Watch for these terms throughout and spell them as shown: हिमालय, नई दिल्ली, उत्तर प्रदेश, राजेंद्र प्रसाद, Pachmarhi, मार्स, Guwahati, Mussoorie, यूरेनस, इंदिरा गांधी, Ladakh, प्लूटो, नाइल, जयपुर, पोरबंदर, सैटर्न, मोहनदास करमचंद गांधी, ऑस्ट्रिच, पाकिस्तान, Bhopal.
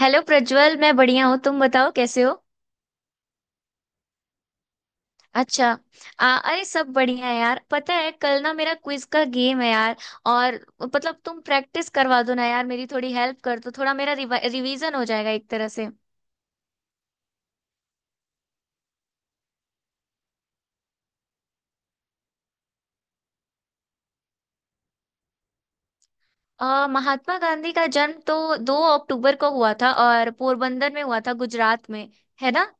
Hello Prajwal. मैं बढ़िया हूँ। तुम बताओ कैसे हो? अच्छा। अरे सब बढ़िया है यार। पता है कल ना मेरा क्विज का गेम है यार। और मतलब तुम प्रैक्टिस करवा दो ना यार, मेरी थोड़ी हेल्प कर दो, थोड़ा मेरा रिवीजन हो जाएगा एक तरह से। महात्मा गांधी का जन्म तो 2 अक्टूबर को हुआ था और पोरबंदर में हुआ था, गुजरात में। है ना।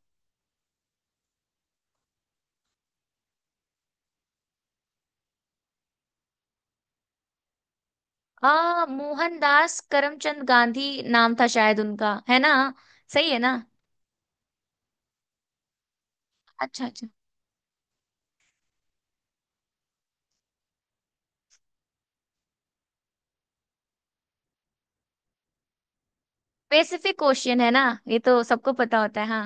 मोहनदास करमचंद गांधी नाम था शायद उनका। है ना। सही है ना। अच्छा। अच्छा। स्पेसिफिक क्वेश्चन है ना, ये तो सबको पता होता है। हाँ।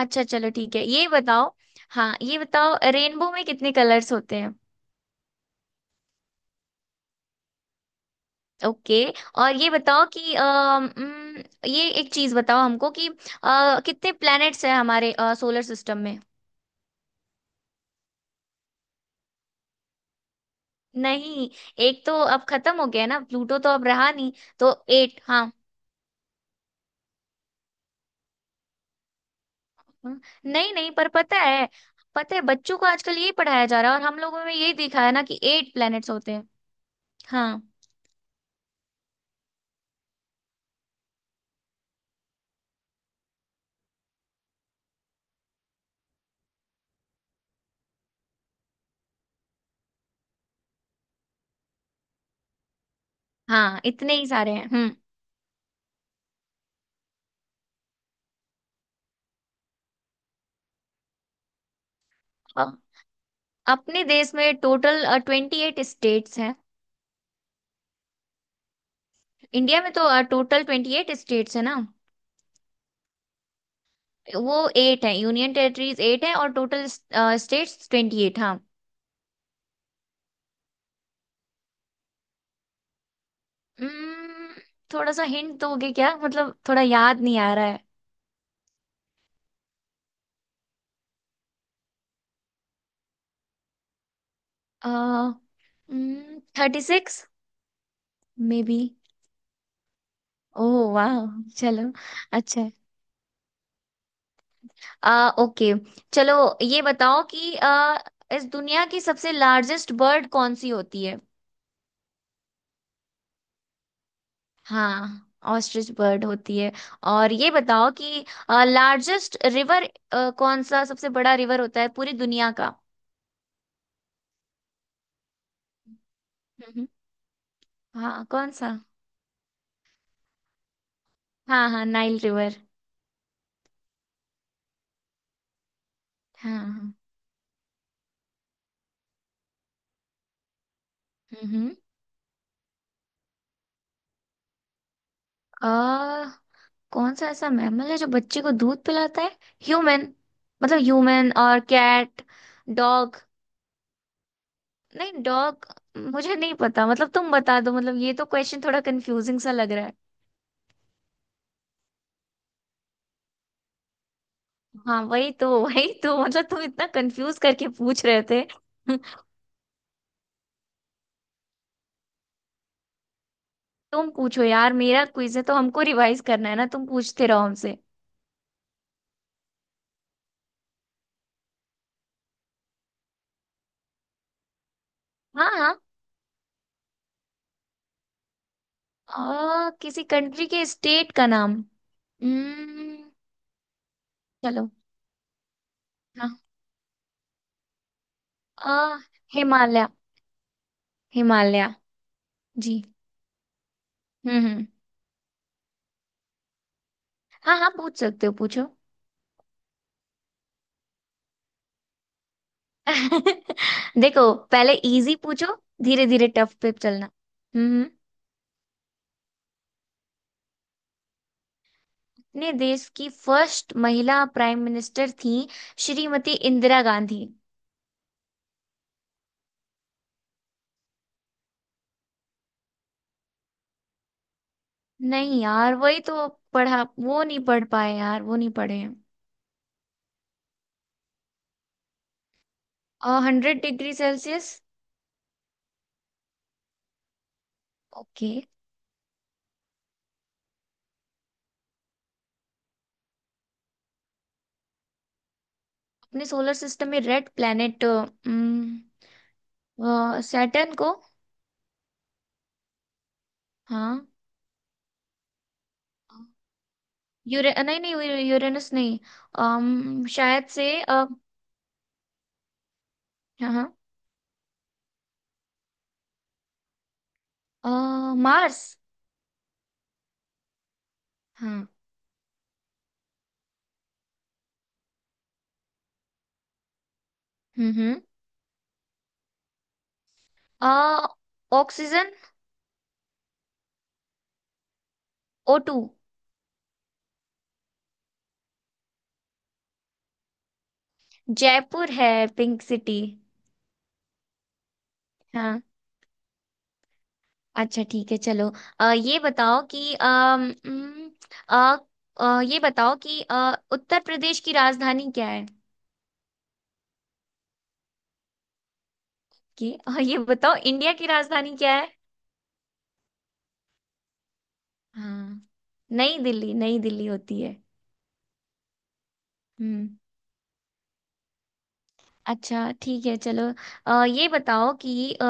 अच्छा चलो ठीक है, ये बताओ। हाँ, ये बताओ रेनबो में कितने कलर्स होते हैं। ओके। और ये बताओ कि ये एक चीज बताओ हमको कि कितने प्लैनेट्स हैं हमारे सोलर सिस्टम में। नहीं। एक तो अब खत्म हो गया ना, प्लूटो तो अब रहा नहीं। तो एट। हाँ। नहीं नहीं, पर पता है। पता है बच्चों को आजकल यही पढ़ाया जा रहा है, और हम लोगों में यही दिखाया ना कि एट प्लैनेट्स होते हैं। हाँ हाँ, इतने ही सारे हैं। हम्म। अपने देश में टोटल 28 स्टेट्स हैं। इंडिया में तो टोटल 28 स्टेट्स है ना। वो एट है, यूनियन टेरिटरीज एट है, और टोटल स्टेट्स 28। हाँ। Hmm, थोड़ा सा हिंट दोगे क्या, मतलब थोड़ा याद नहीं आ रहा है। 36 मे बी। ओह वाह। चलो अच्छा है। ओके। चलो। ये बताओ कि इस दुनिया की सबसे लार्जेस्ट बर्ड कौन सी होती है। हाँ। ऑस्ट्रिच बर्ड होती है। और ये बताओ कि लार्जेस्ट रिवर, कौन सा सबसे बड़ा रिवर होता है पूरी दुनिया का। हम्म। हाँ, कौन सा। हाँ हाँ, नाइल रिवर। हाँ हाँ। हम्म। आ, कौन सा ऐसा मैमल है जो बच्चे को दूध पिलाता है? ह्यूमन। मतलब ह्यूमन और कैट, डॉग। नहीं डॉग। मुझे नहीं पता, मतलब तुम बता दो, मतलब ये तो क्वेश्चन थोड़ा कंफ्यूजिंग सा लग। हाँ वही तो, वही तो, मतलब तुम इतना कंफ्यूज करके पूछ रहे थे। तुम पूछो यार, मेरा क्विज है तो हमको रिवाइज करना है ना, तुम पूछते रहो हमसे। हाँ हाँ। किसी कंट्री के स्टेट का नाम। हम्म। चलो। हाँ। आ, हिमालय। हिमालय जी। हम्म। हाँ हाँ पूछ सकते हो, पूछो। देखो पहले इजी पूछो, धीरे धीरे टफ पे चलना। हम्म। अपने देश की फर्स्ट महिला प्राइम मिनिस्टर थी श्रीमती इंदिरा गांधी। नहीं यार, वही तो पढ़ा, वो नहीं पढ़ पाए यार, वो नहीं पढ़े। और 100 डिग्री सेल्सियस। ओके। अपने सोलर सिस्टम में रेड प्लैनेट, सैटर्न को। हाँ। यूरे नहीं नहीं, यूरेनस नहीं। अम शायद से हाँ हाँ। मार्स। हाँ। हम्म। ऑक्सीजन। O2। जयपुर है, पिंक सिटी। हाँ। अच्छा ठीक है, चलो। ये बताओ कि अम, उम, अ, अ, ये बताओ कि उत्तर प्रदेश की राजधानी क्या है? कि ये बताओ इंडिया की राजधानी क्या है? हाँ। नई दिल्ली, नई दिल्ली होती है। हम्म। अच्छा ठीक है, चलो। ये बताओ कि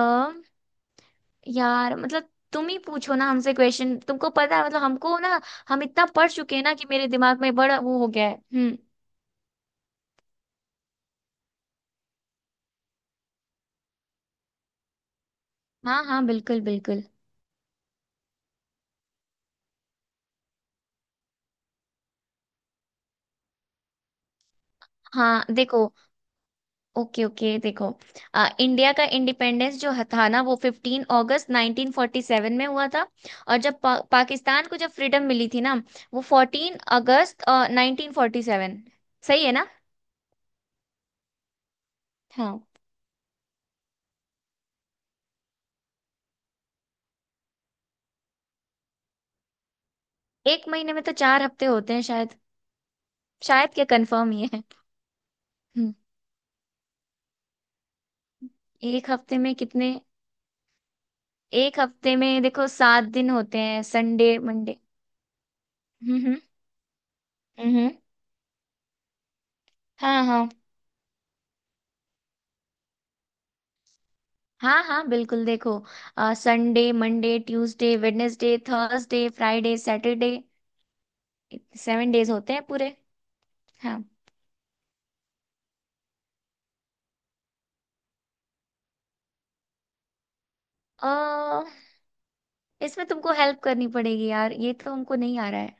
यार मतलब तुम ही पूछो ना हमसे क्वेश्चन, तुमको पता है, मतलब हमको ना, हम इतना पढ़ चुके हैं ना कि मेरे दिमाग में बड़ा वो हो गया है। हम्म। हाँ हाँ बिल्कुल बिल्कुल। हाँ देखो। ओके ओके देखो। इंडिया का इंडिपेंडेंस जो था ना, वो 15 अगस्त 1947 में हुआ था। और जब पाकिस्तान को जब फ्रीडम मिली थी ना, वो 14 अगस्त 1947। सही है ना। हाँ। एक महीने में तो 4 हफ्ते होते हैं शायद। शायद क्या, कंफर्म ही है। हम्म। एक हफ्ते में कितने, एक हफ्ते में देखो 7 दिन होते हैं, संडे मंडे। हम्म। हम्म, हाँ हाँ। हाँ हाँ बिल्कुल देखो। Sunday, Monday, Tuesday, Wednesday, Thursday, Friday, Saturday. 7 days होते हैं पूरे। हाँ। अ, इसमें तुमको हेल्प करनी पड़ेगी यार, ये तो हमको नहीं आ रहा है।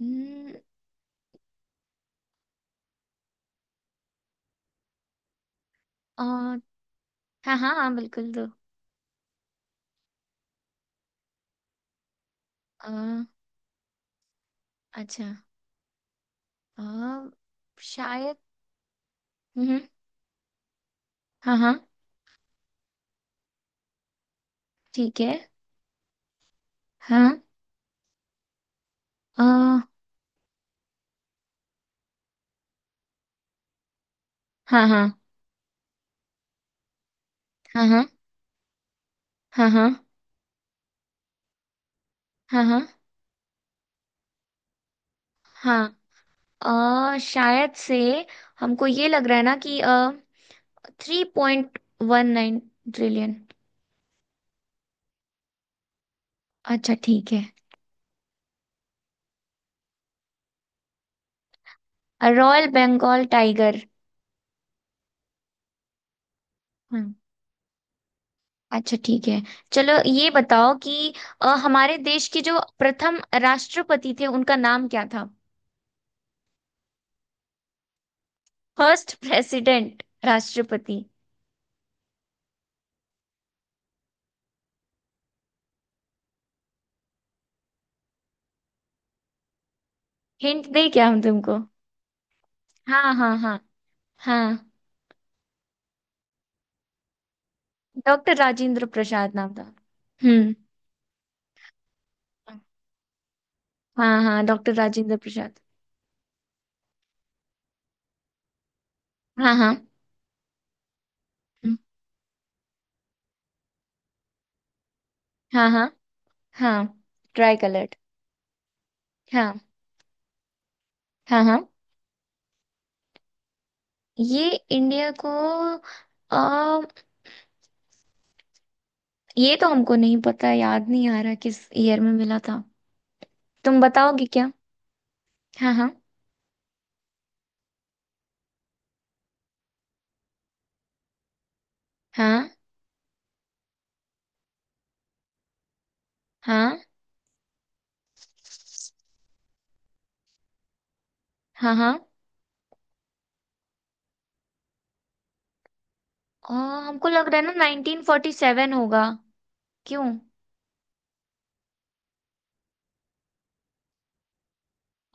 हम्म। हाँ हाँ। हाँ बिल्कुल तो। अ, अच्छा। अ, शायद। हम्म। हाँ हाँ। ठीक है। हाँ। हाँ हाँ हाँ। हाँ हाँ हाँ। हाँ हाँ हाँ। शायद से हमको ये लग रहा है ना कि 3.19 ट्रिलियन। अच्छा ठीक है। Royal Bengal tiger. हम्म। अच्छा ठीक है, चलो। ये बताओ कि हमारे देश के जो प्रथम राष्ट्रपति थे, उनका नाम क्या था? फर्स्ट प्रेसिडेंट, राष्ट्रपति। हिंट दे क्या हम तुमको? हाँ हाँ। हाँ हाँ, डॉक्टर राजेंद्र प्रसाद नाम था। हम्म। हाँ हाँ, डॉक्टर राजेंद्र प्रसाद। हाँ हाँ। हम्म, हाँ हाँ हाँ। Try coloured. हाँ हाँ हाँ। ये इंडिया को आ, ये तो हमको नहीं पता, याद नहीं आ रहा किस ईयर में मिला था। तुम बताओगे क्या? हाँ हाँ हाँ हाँ हाँ हाँ। आ, हमको लग रहा है ना 1947 होगा। क्यों?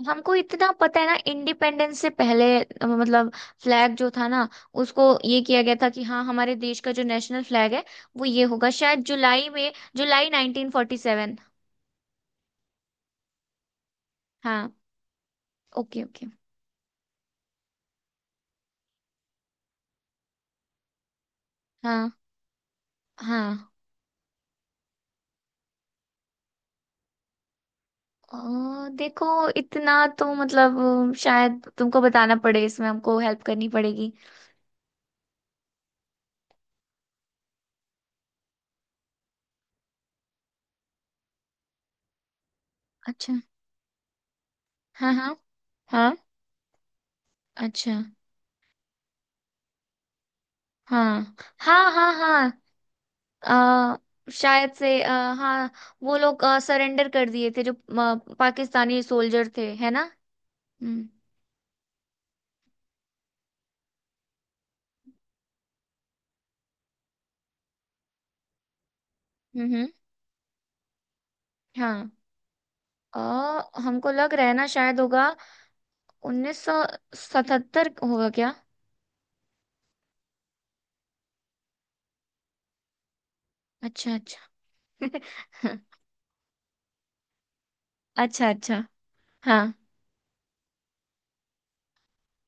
हमको इतना पता है ना, इंडिपेंडेंस से पहले मतलब फ्लैग जो था ना, उसको ये किया गया था कि हाँ हमारे देश का जो नेशनल फ्लैग है वो ये होगा, शायद जुलाई में, जुलाई 1947। हाँ। Okay okay. हाँ हाँ। अ, देखो इतना तो मतलब शायद तुमको बताना पड़े, इसमें हमको हेल्प करनी पड़ेगी। अच्छा। हाँ हाँ हाँ। अच्छा। हाँ हाँ हाँ हाँ। शायद से हाँ, वो लोग सरेंडर कर दिए थे जो पाकिस्तानी सोल्जर थे, है ना। हम्म हम्म। हाँ। हमको लग रहा है ना, शायद होगा 1977 होगा क्या? अच्छा। अच्छा। अच्छा। अच्छा। हाँ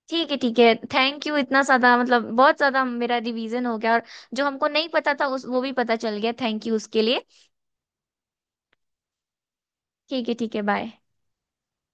ठीक है ठीक है। थैंक यू इतना ज्यादा, मतलब बहुत ज्यादा मेरा रिवीजन हो गया। और जो हमको नहीं पता था उस वो भी पता चल गया, थैंक यू उसके लिए। ठीक है ठीक है। बाय।